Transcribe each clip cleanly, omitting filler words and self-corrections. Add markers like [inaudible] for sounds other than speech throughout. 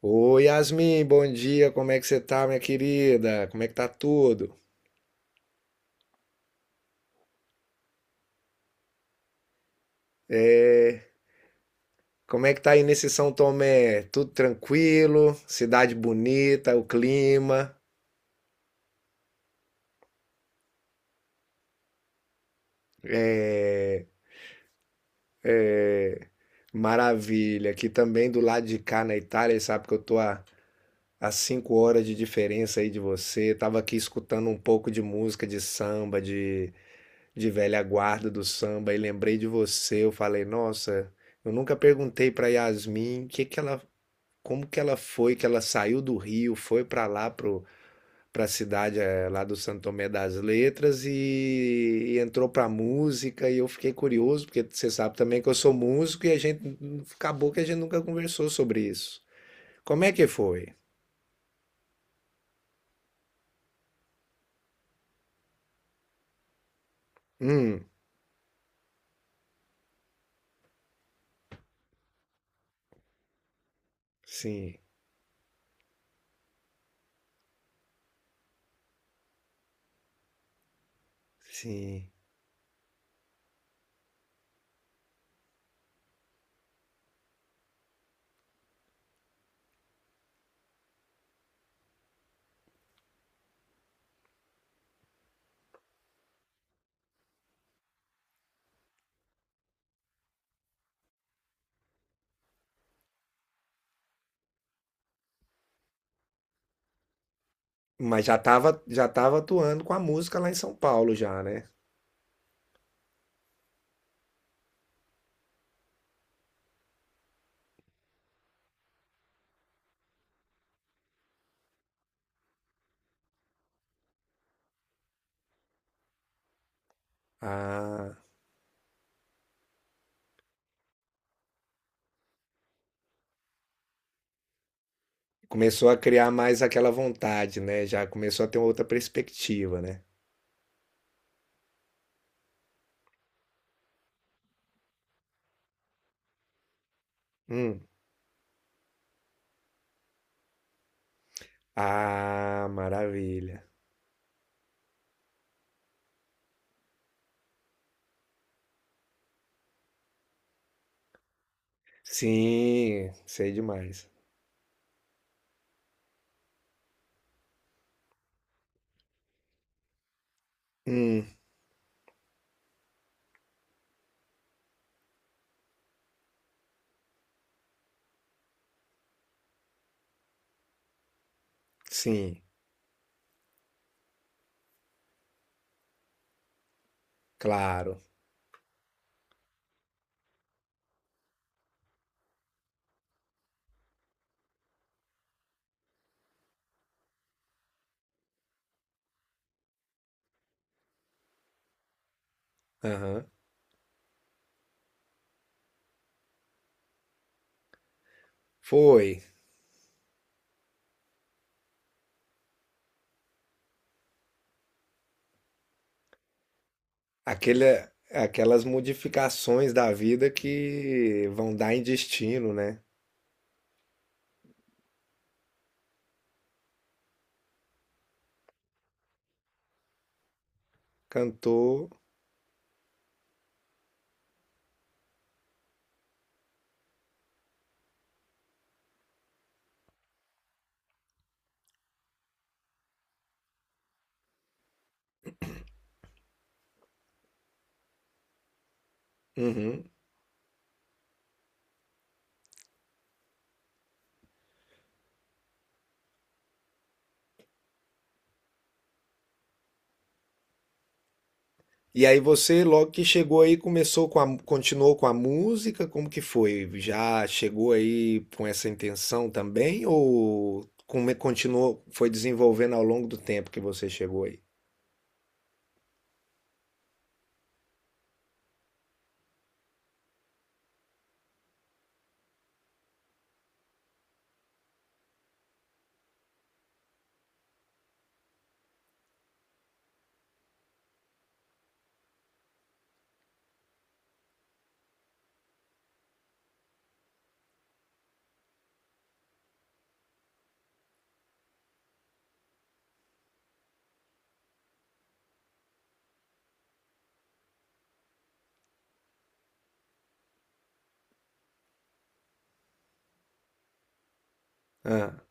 Oi, Yasmin, bom dia. Como é que você tá, minha querida? Como é que tá tudo? É, como é que tá aí nesse São Tomé? Tudo tranquilo? Cidade bonita, o clima, maravilha. Aqui também do lado de cá na Itália, sabe que eu tô a, 5 horas de diferença aí de você. Tava aqui escutando um pouco de música de samba, de velha guarda do samba, e lembrei de você. Eu falei, nossa, eu nunca perguntei pra Yasmin o que que ela como que ela foi, que ela saiu do Rio, foi para lá, pra cidade lá do Santo Tomé das Letras e entrou para música e eu fiquei curioso, porque você sabe também que eu sou músico e a gente, acabou que a gente nunca conversou sobre isso. Como é que foi? Hum, sim, sim. Mas já tava atuando com a música lá em São Paulo já, né? Ah, começou a criar mais aquela vontade, né? Já começou a ter outra perspectiva, né? Hum. Ah, maravilha. Sim, sei demais. Hum, sim, claro. Aham. Foi. Aquele, aquelas modificações da vida que vão dar em destino, né? Cantou. Uhum. E aí você, logo que chegou aí, começou com a, continuou com a música? Como que foi? Já chegou aí com essa intenção também? Ou continuou, foi desenvolvendo ao longo do tempo que você chegou aí? Ah.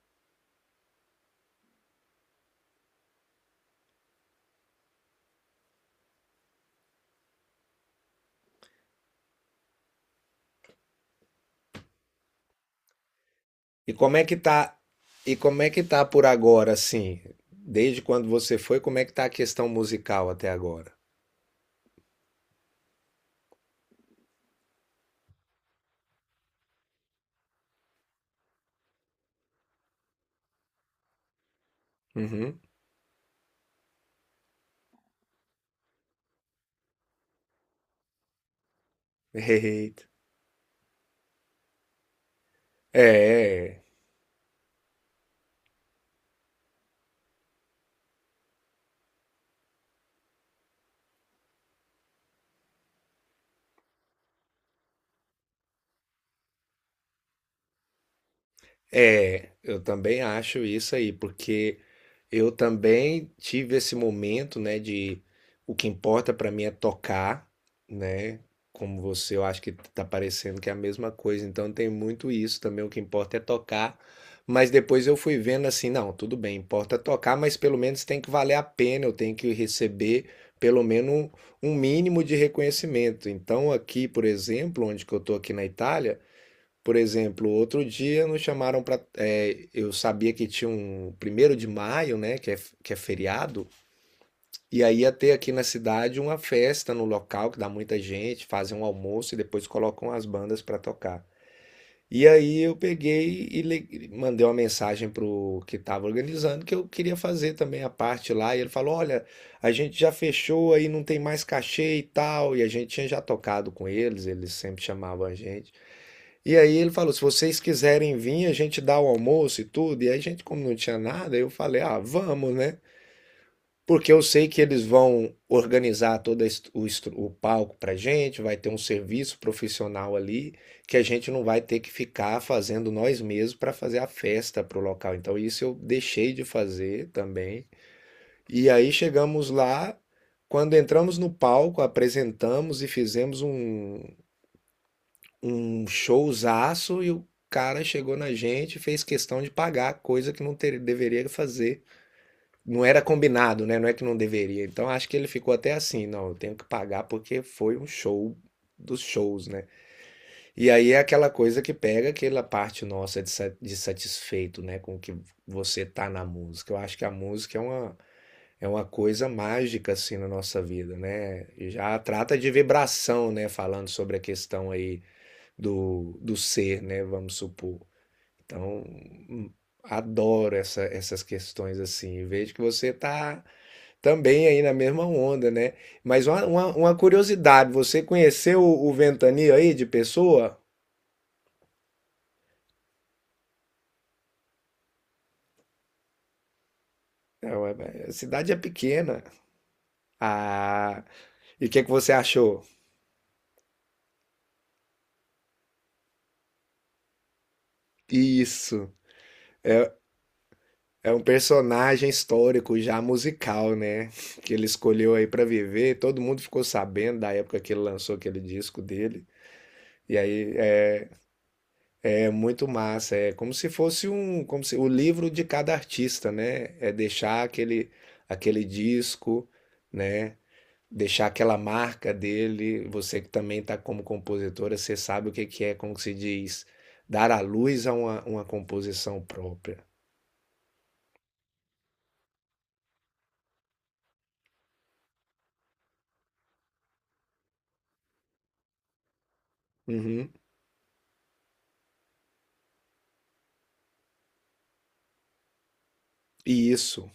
E como é que tá? E como é que tá por agora, assim? Desde quando você foi, como é que tá a questão musical até agora? Uhum. [laughs] Eita. É. É. É, eu também acho isso aí, porque eu também tive esse momento, né, de o que importa pra mim é tocar, né? Como você, eu acho que tá parecendo que é a mesma coisa, então tem muito isso também, o que importa é tocar. Mas depois eu fui vendo assim, não, tudo bem, importa tocar, mas pelo menos tem que valer a pena, eu tenho que receber pelo menos um mínimo de reconhecimento. Então aqui, por exemplo, onde que eu tô aqui na Itália, por exemplo, outro dia nos chamaram para. Eu sabia que tinha um 1º de maio, né? Que é feriado. E aí ia ter aqui na cidade uma festa no local que dá muita gente, fazem um almoço e depois colocam as bandas para tocar. E aí eu peguei mandei uma mensagem pro que estava organizando que eu queria fazer também a parte lá. E ele falou: olha, a gente já fechou aí, não tem mais cachê e tal. E a gente tinha já tocado com eles, eles sempre chamavam a gente. E aí ele falou: se vocês quiserem vir, a gente dá o almoço e tudo. E aí a gente, como não tinha nada, eu falei: ah, vamos, né? Porque eu sei que eles vão organizar todo est- o, estru- o palco pra gente, vai ter um serviço profissional ali, que a gente não vai ter que ficar fazendo nós mesmos para fazer a festa pro local. Então isso eu deixei de fazer também. E aí chegamos lá, quando entramos no palco, apresentamos e fizemos um showzaço e o cara chegou na gente e fez questão de pagar, coisa que não deveria fazer. Não era combinado, né? Não é que não deveria. Então acho que ele ficou até assim, não, eu tenho que pagar porque foi um show dos shows, né? E aí é aquela coisa que pega aquela parte nossa de satisfeito, né? Com que você tá na música. Eu acho que a música é uma coisa mágica, assim, na nossa vida, né? E já trata de vibração, né? Falando sobre a questão aí do ser, né? Vamos supor. Então, adoro essas questões assim. Vejo que você está também aí na mesma onda, né? Mas uma curiosidade, você conheceu o Ventania aí de pessoa? É, ué, a cidade é pequena. Ah, e o que é que você achou? Isso. É um personagem histórico já musical, né? Que ele escolheu aí para viver. Todo mundo ficou sabendo da época que ele lançou aquele disco dele. E aí é muito massa, é como se fosse como se o livro de cada artista, né? É deixar aquele disco, né? Deixar aquela marca dele. Você que também está como compositora, você sabe o que que é, como que se diz, dar à luz a uma composição própria. Uhum. E isso,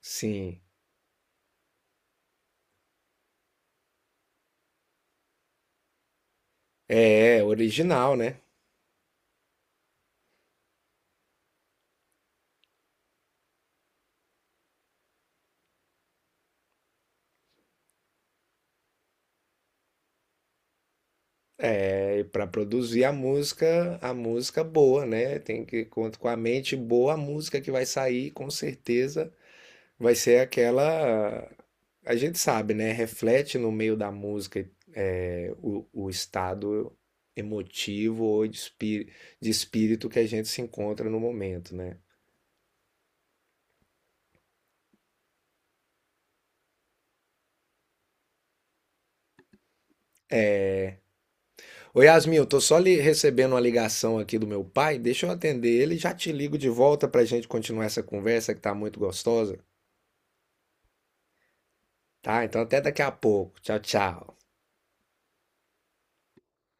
sim, é, original, né? É, e para produzir a música boa, né? Tem que contar com a mente boa, a música que vai sair, com certeza vai ser aquela. A gente sabe, né? Reflete no meio da música é, o estado emotivo ou de espírito que a gente se encontra no momento, né? Ô Yasmin, eu tô só recebendo uma ligação aqui do meu pai, deixa eu atender ele e já te ligo de volta pra gente continuar essa conversa que tá muito gostosa, tá? Então até daqui a pouco. Tchau, tchau.